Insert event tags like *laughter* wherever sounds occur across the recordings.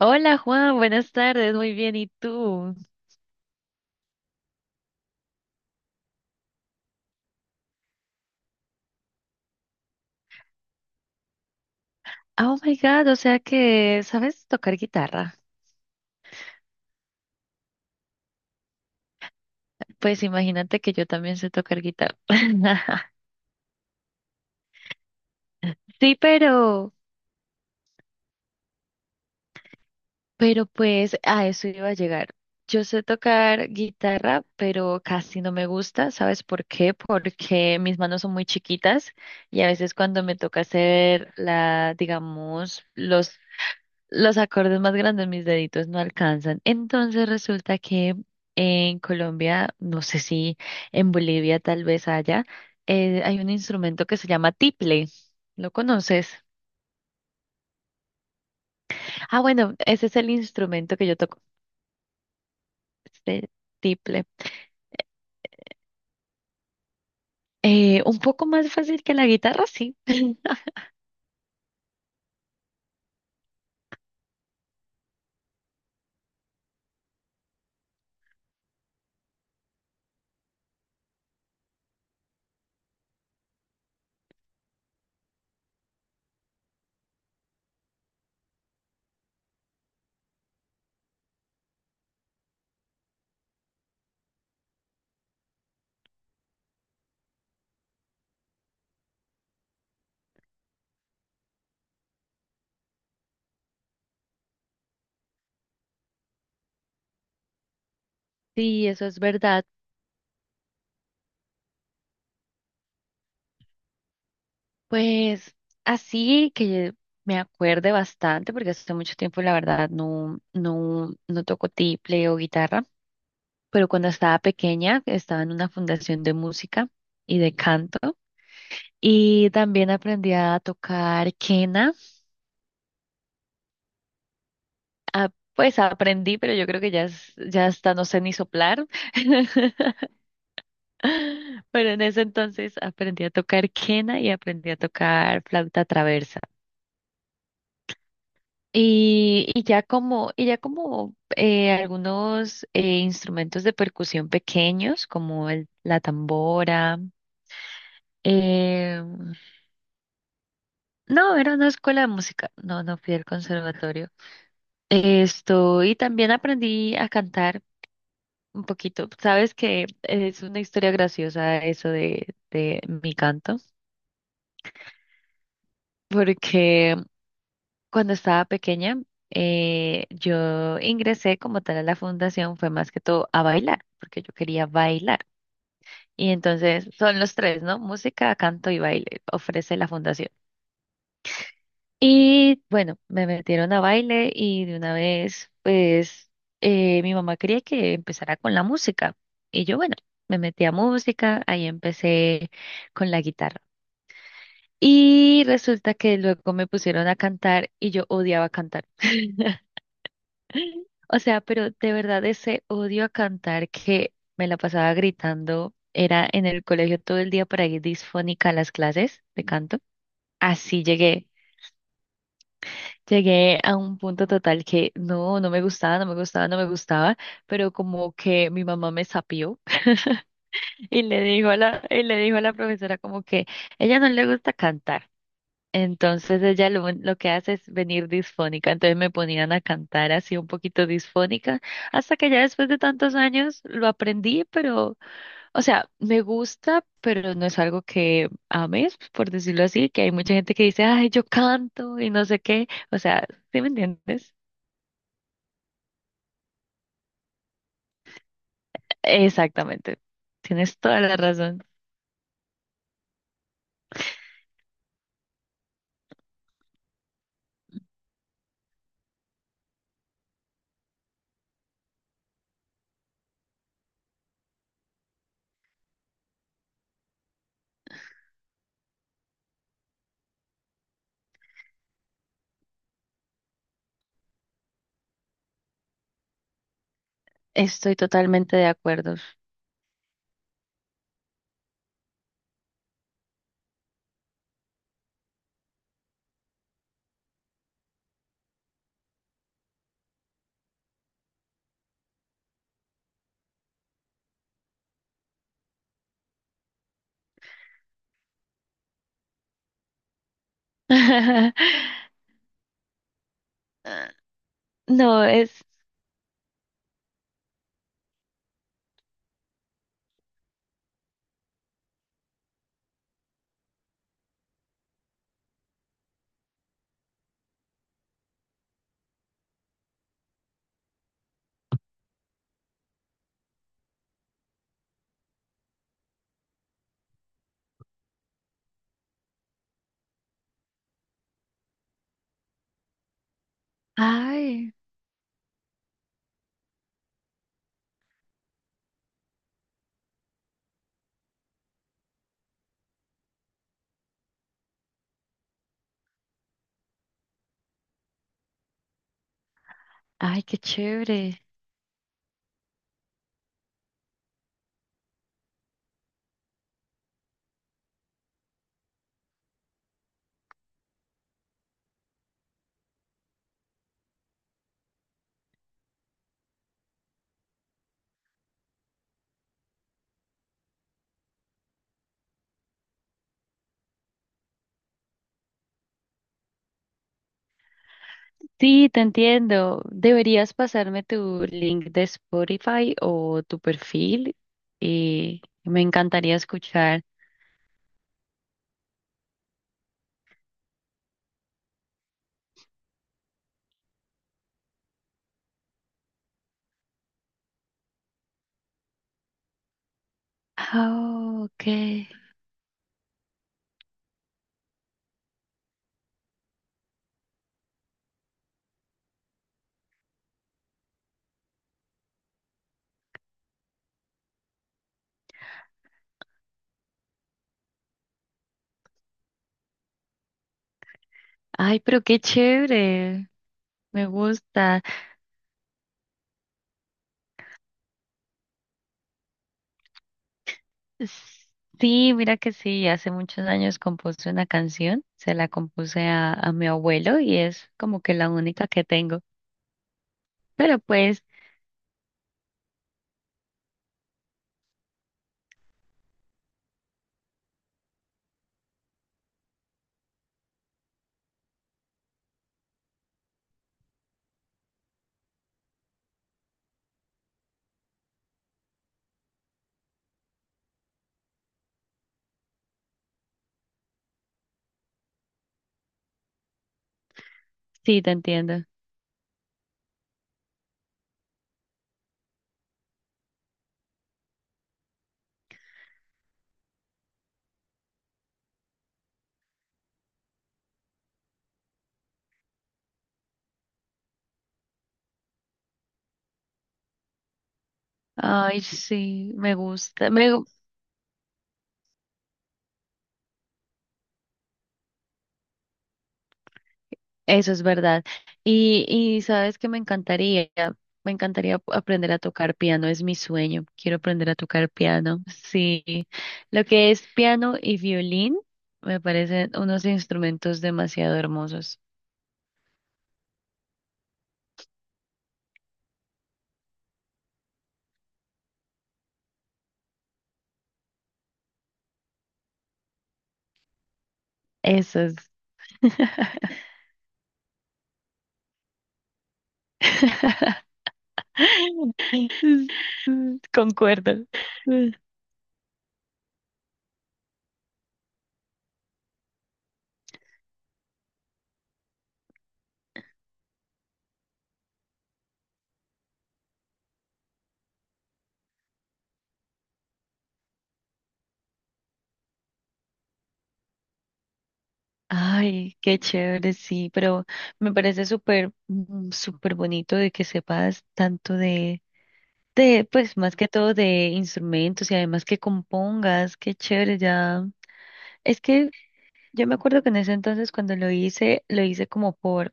Hola Juan, buenas tardes, muy bien, ¿y tú? Oh my God, o sea que sabes tocar guitarra. Pues imagínate que yo también sé tocar guitarra. *laughs* Sí, pero, pero pues a eso iba a llegar. Yo sé tocar guitarra, pero casi no me gusta, ¿sabes por qué? Porque mis manos son muy chiquitas y a veces cuando me toca hacer la, digamos, los acordes más grandes mis deditos no alcanzan. Entonces resulta que en Colombia, no sé si en Bolivia tal vez haya, hay un instrumento que se llama tiple. ¿Lo conoces? Ah, bueno, ese es el instrumento que yo toco, este tiple. Un poco más fácil que la guitarra, sí. *laughs* Sí, eso es verdad. Pues así que me acuerde bastante, porque hace mucho tiempo la verdad no toco tiple o guitarra. Pero cuando estaba pequeña estaba en una fundación de música y de canto y también aprendí a tocar quena. Ah, pues aprendí, pero yo creo que ya, ya hasta no sé ni soplar. *laughs* Pero en ese entonces aprendí a tocar quena y aprendí a tocar flauta traversa. Y ya como algunos instrumentos de percusión pequeños, como la tambora. em, No, era una escuela de música, no, no fui al conservatorio. Esto, y también aprendí a cantar un poquito. Sabes que es una historia graciosa eso de mi canto, porque cuando estaba pequeña, yo ingresé como tal a la fundación, fue más que todo a bailar, porque yo quería bailar. Y entonces son los tres, ¿no? Música, canto y baile, ofrece la fundación. Y bueno, me metieron a baile y de una vez, pues, mi mamá quería que empezara con la música. Y yo, bueno, me metí a música, ahí empecé con la guitarra. Y resulta que luego me pusieron a cantar y yo odiaba cantar. *laughs* O sea, pero de verdad ese odio a cantar que me la pasaba gritando, era en el colegio todo el día para ir disfónica a las clases de canto. Así llegué. Llegué a un punto total que no, no me gustaba, no me gustaba, no me gustaba, pero como que mi mamá me sapió *laughs* y le dijo a la profesora como que ella no le gusta cantar. Entonces ella lo que hace es venir disfónica. Entonces me ponían a cantar así un poquito disfónica, hasta que ya después de tantos años lo aprendí, pero, o sea, me gusta, pero no es algo que ames, por decirlo así, que hay mucha gente que dice, ay, yo canto y no sé qué. O sea, ¿sí me entiendes? Exactamente. Tienes toda la razón. Estoy totalmente de acuerdo. *laughs* No, es... Ay, ay, qué chévere. Sí, te entiendo. Deberías pasarme tu link de Spotify o tu perfil y me encantaría escuchar. Ah, ok. Ay, pero qué chévere. Me gusta. Sí, mira que sí, hace muchos años compuse una canción, se la compuse a mi abuelo y es como que la única que tengo. Pero pues, sí, te entiendo. Ay, sí, me gusta, me, gu- eso es verdad. Y sabes que me encantaría, aprender a tocar piano, es mi sueño, quiero aprender a tocar piano. Sí, lo que es piano y violín me parecen unos instrumentos demasiado hermosos. Eso es. *laughs* *laughs* Concuerdo. Ay, qué chévere, sí, pero me parece súper, súper bonito de que sepas tanto de, pues más que todo de instrumentos y además que compongas, qué chévere, ya. Es que yo me acuerdo que en ese entonces cuando lo hice como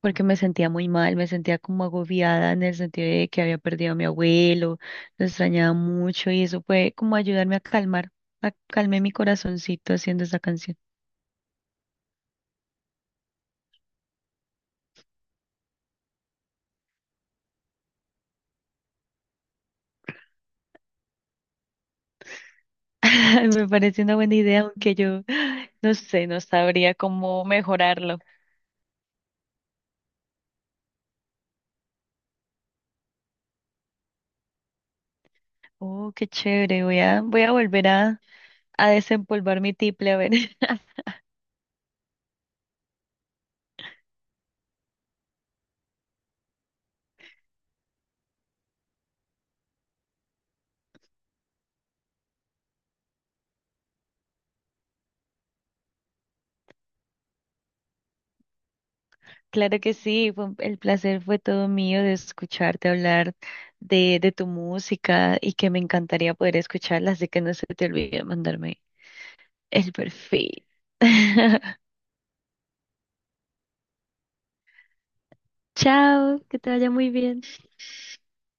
porque me sentía muy mal, me sentía como agobiada en el sentido de que había perdido a mi abuelo, lo extrañaba mucho y eso fue como ayudarme a calmar, a calmé mi corazoncito haciendo esa canción. *laughs* Ay, me parece una buena idea, aunque yo *gasps* *sighs* no sé, no sabría cómo mejorarlo. Oh, qué chévere, voy a volver a desempolvar mi tiple, a ver. *laughs* Claro que sí, el placer fue todo mío de escucharte hablar de tu música y que me encantaría poder escucharla, así que no se te olvide mandarme el perfil. *laughs* Chao, que te vaya muy bien.